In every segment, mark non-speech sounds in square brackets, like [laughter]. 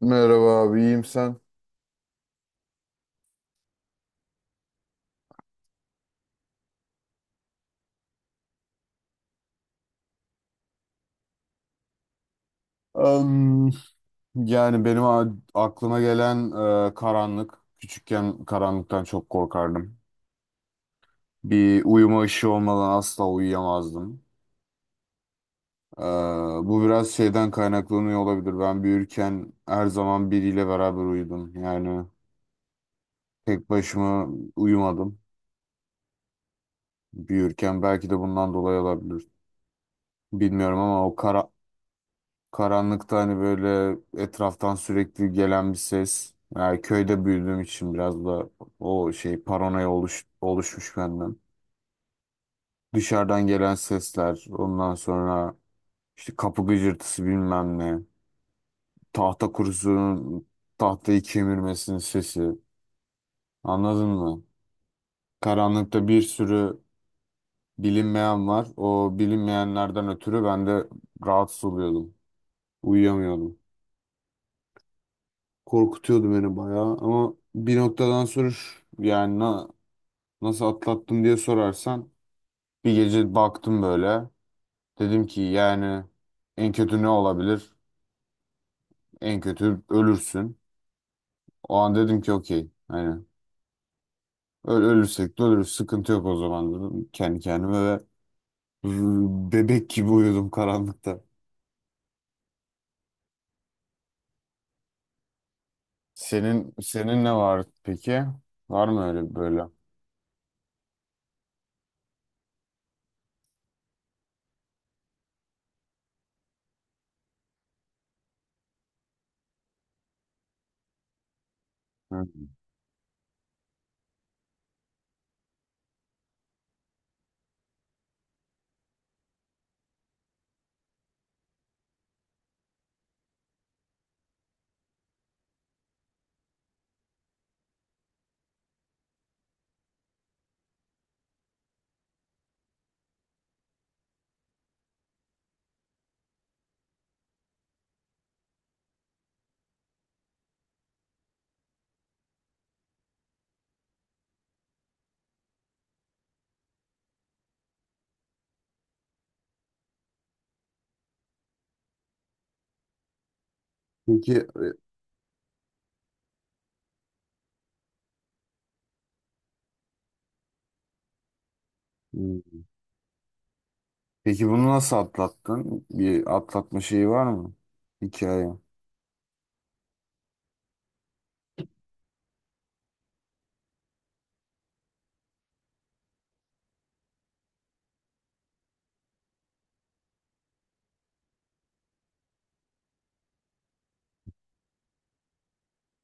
Merhaba abi, iyiyim sen? Em, yani benim aklıma gelen karanlık. Küçükken karanlıktan çok korkardım. Bir uyuma ışığı olmadan asla uyuyamazdım. E, Bu biraz şeyden kaynaklanıyor olabilir. Ben büyürken her zaman biriyle beraber uyudum. Yani tek başıma uyumadım büyürken. Belki de bundan dolayı olabilir. Bilmiyorum ama o kara karanlıkta hani böyle etraftan sürekli gelen bir ses. Yani köyde büyüdüğüm için biraz da o şey paranoya oluşmuş benden. Dışarıdan gelen sesler, ondan sonra işte kapı gıcırtısı bilmem ne. Tahta kurusunun tahtayı kemirmesinin sesi. Anladın mı? Karanlıkta bir sürü bilinmeyen var. O bilinmeyenlerden ötürü ben de rahatsız oluyordum. Uyuyamıyordum. Korkutuyordu beni bayağı ama bir noktadan sonra nasıl atlattım diye sorarsan bir gece baktım böyle dedim ki yani en kötü ne olabilir? En kötü ölürsün. O an dedim ki okey hani ölürsek de ölürüz, sıkıntı yok o zaman dedim kendi kendime ve bebek gibi uyudum karanlıkta. Senin ne var peki? Var mı öyle böyle? Hı. Peki Peki bunu nasıl atlattın? Bir atlatma şeyi var mı? Hikaye.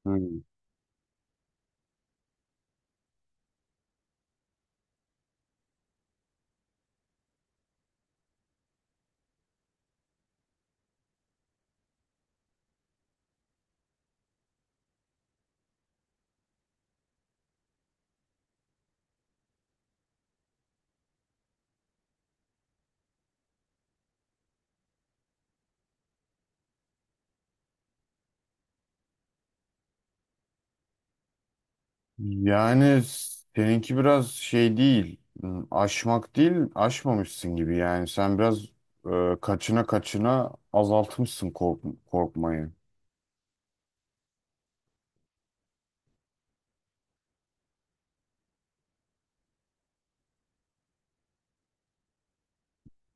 Hmm. Yani seninki biraz şey değil. Aşmak değil, aşmamışsın gibi. Yani sen biraz kaçına kaçına azaltmışsın korkmayı.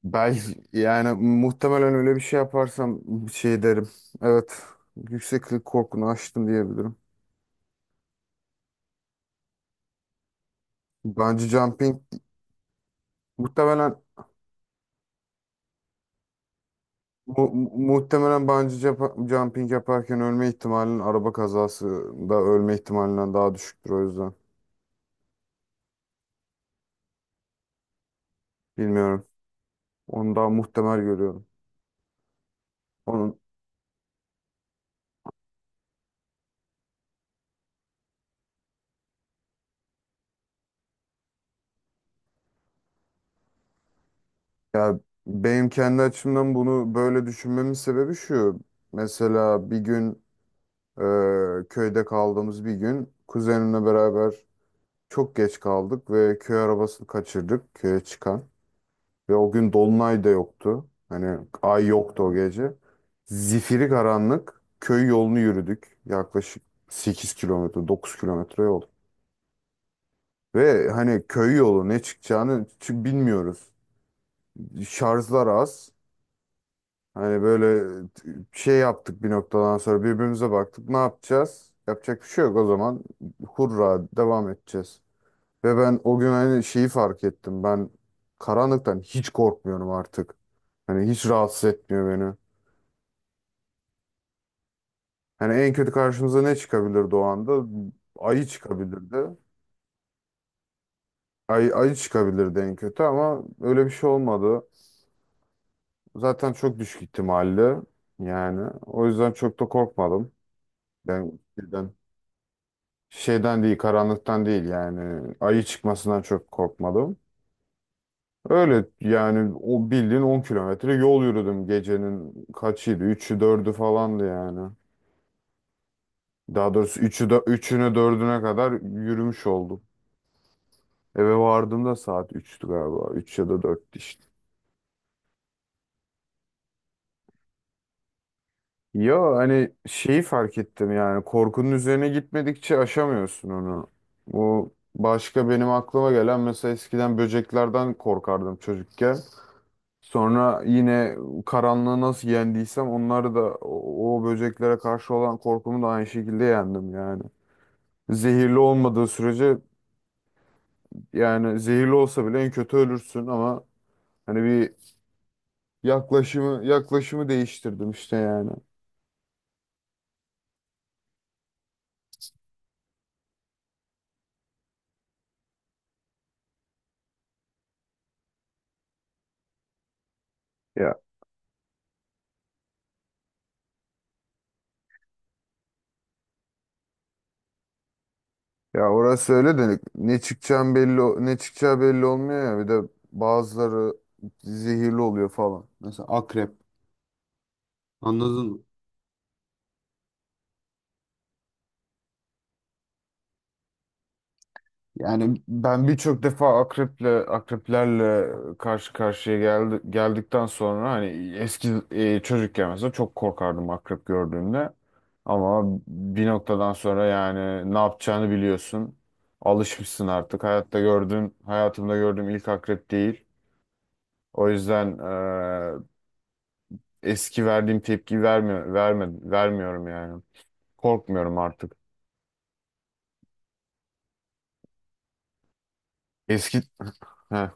Belki yani muhtemelen öyle bir şey yaparsam şey derim. Evet, yükseklik korkunu aştım diyebilirim. Bungee jumping muhtemelen Mu- mu- muhtemelen bungee jump- jumping yaparken ölme ihtimalin araba kazasında ölme ihtimalinden daha düşüktür o yüzden. Bilmiyorum. Onu daha muhtemel görüyorum. Onun, Ya benim kendi açımdan bunu böyle düşünmemin sebebi şu. Mesela bir gün köyde kaldığımız bir gün kuzenimle beraber çok geç kaldık ve köy arabasını kaçırdık köye çıkan. Ve o gün dolunay da yoktu. Hani ay yoktu o gece. Zifiri karanlık köy yolunu yürüdük. Yaklaşık 8 kilometre, 9 kilometre yol. Ve hani köy yolu ne çıkacağını bilmiyoruz. Şarjlar az. Hani böyle şey yaptık, bir noktadan sonra birbirimize baktık. Ne yapacağız? Yapacak bir şey yok o zaman. Hurra, devam edeceğiz. Ve ben o gün hani şeyi fark ettim. Ben karanlıktan hiç korkmuyorum artık. Hani hiç rahatsız etmiyor beni. Yani en kötü karşımıza ne çıkabilirdi o anda? Ayı çıkabilirdi. Ayı çıkabilirdi en kötü ama öyle bir şey olmadı. Zaten çok düşük ihtimalli. Yani o yüzden çok da korkmadım. Ben şeyden değil, karanlıktan değil yani ayı çıkmasından çok korkmadım. Öyle yani o bildiğin 10 kilometre yol yürüdüm. Gecenin kaçıydı? 3'ü 4'ü falandı yani. Daha doğrusu 3'ü dördüne kadar yürümüş oldum. Eve vardığımda saat 3'tü galiba. Üç ya da 4'tü işte. Ya hani şeyi fark ettim yani korkunun üzerine gitmedikçe aşamıyorsun onu. Bu başka benim aklıma gelen: mesela eskiden böceklerden korkardım çocukken. Sonra yine karanlığı nasıl yendiysem onları da, o böceklere karşı olan korkumu da aynı şekilde yendim yani. Zehirli olmadığı sürece, yani zehirli olsa bile en kötü ölürsün ama hani bir yaklaşımı değiştirdim işte yani. Ya ya orası öyle de ne çıkacağı belli olmuyor ya, bir de bazıları zehirli oluyor falan. Mesela akrep. Anladın mı? Yani ben birçok defa akreplerle karşı karşıya geldikten sonra, hani eski çocukken mesela çok korkardım akrep gördüğümde. Ama bir noktadan sonra yani ne yapacağını biliyorsun. Alışmışsın artık. Hayatımda gördüğüm ilk akrep değil. O yüzden eski verdiğim tepki vermiyorum yani. Korkmuyorum artık. Eski [laughs] Heh.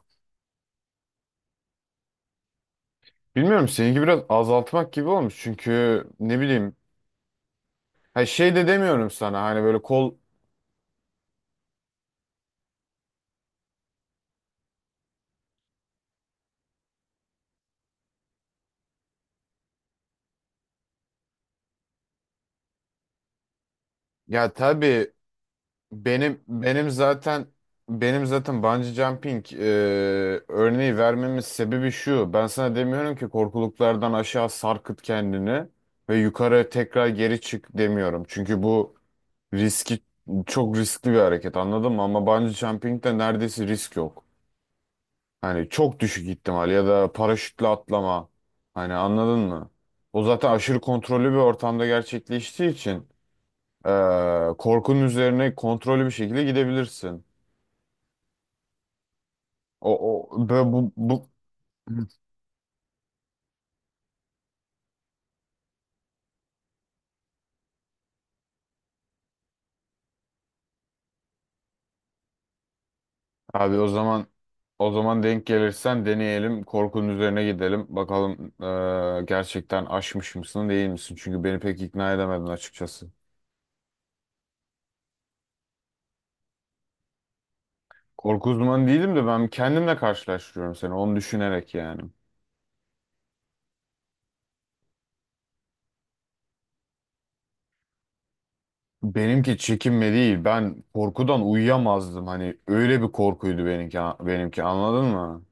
Bilmiyorum, seninki biraz azaltmak gibi olmuş çünkü ne bileyim, ha şey de demiyorum sana, hani böyle ya, tabii benim benim zaten benim zaten bungee jumping örneği vermemin sebebi şu: ben sana demiyorum ki korkuluklardan aşağı sarkıt kendini ve yukarı tekrar geri çık, demiyorum çünkü bu riski çok riskli bir hareket, anladın mı? Ama bungee jumping'de neredeyse risk yok. Hani çok düşük ihtimal, ya da paraşütle atlama. Hani anladın mı? O zaten aşırı kontrollü bir ortamda gerçekleştiği için korkunun üzerine kontrollü bir şekilde gidebilirsin. O, o böyle bu. [clears throat] Abi o zaman, denk gelirsen deneyelim. Korkunun üzerine gidelim. Bakalım gerçekten aşmış mısın değil misin? Çünkü beni pek ikna edemedin açıkçası. Korku uzmanı değilim de ben kendimle karşılaştırıyorum seni, onu düşünerek yani. Benimki çekinme değil. Ben korkudan uyuyamazdım. Hani öyle bir korkuydu benimki, anladın mı?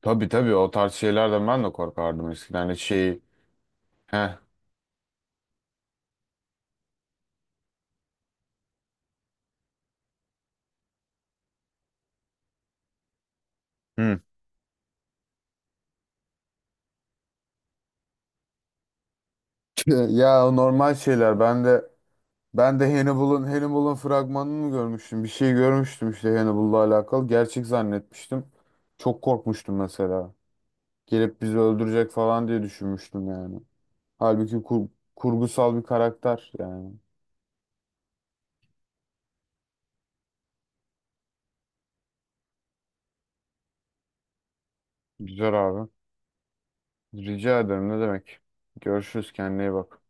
Tabii tabii, o tarz şeylerden ben de korkardım eskiden. Hani şey, heh, hı. [laughs] Ya o normal şeyler. Ben de Hannibal'ın fragmanını mı görmüştüm? Bir şey görmüştüm işte Hannibal'la alakalı. Gerçek zannetmiştim. Çok korkmuştum mesela. Gelip bizi öldürecek falan diye düşünmüştüm yani. Halbuki kurgusal bir karakter yani. Güzel abi. Rica ederim, ne demek. Görüşürüz, kendine iyi bak.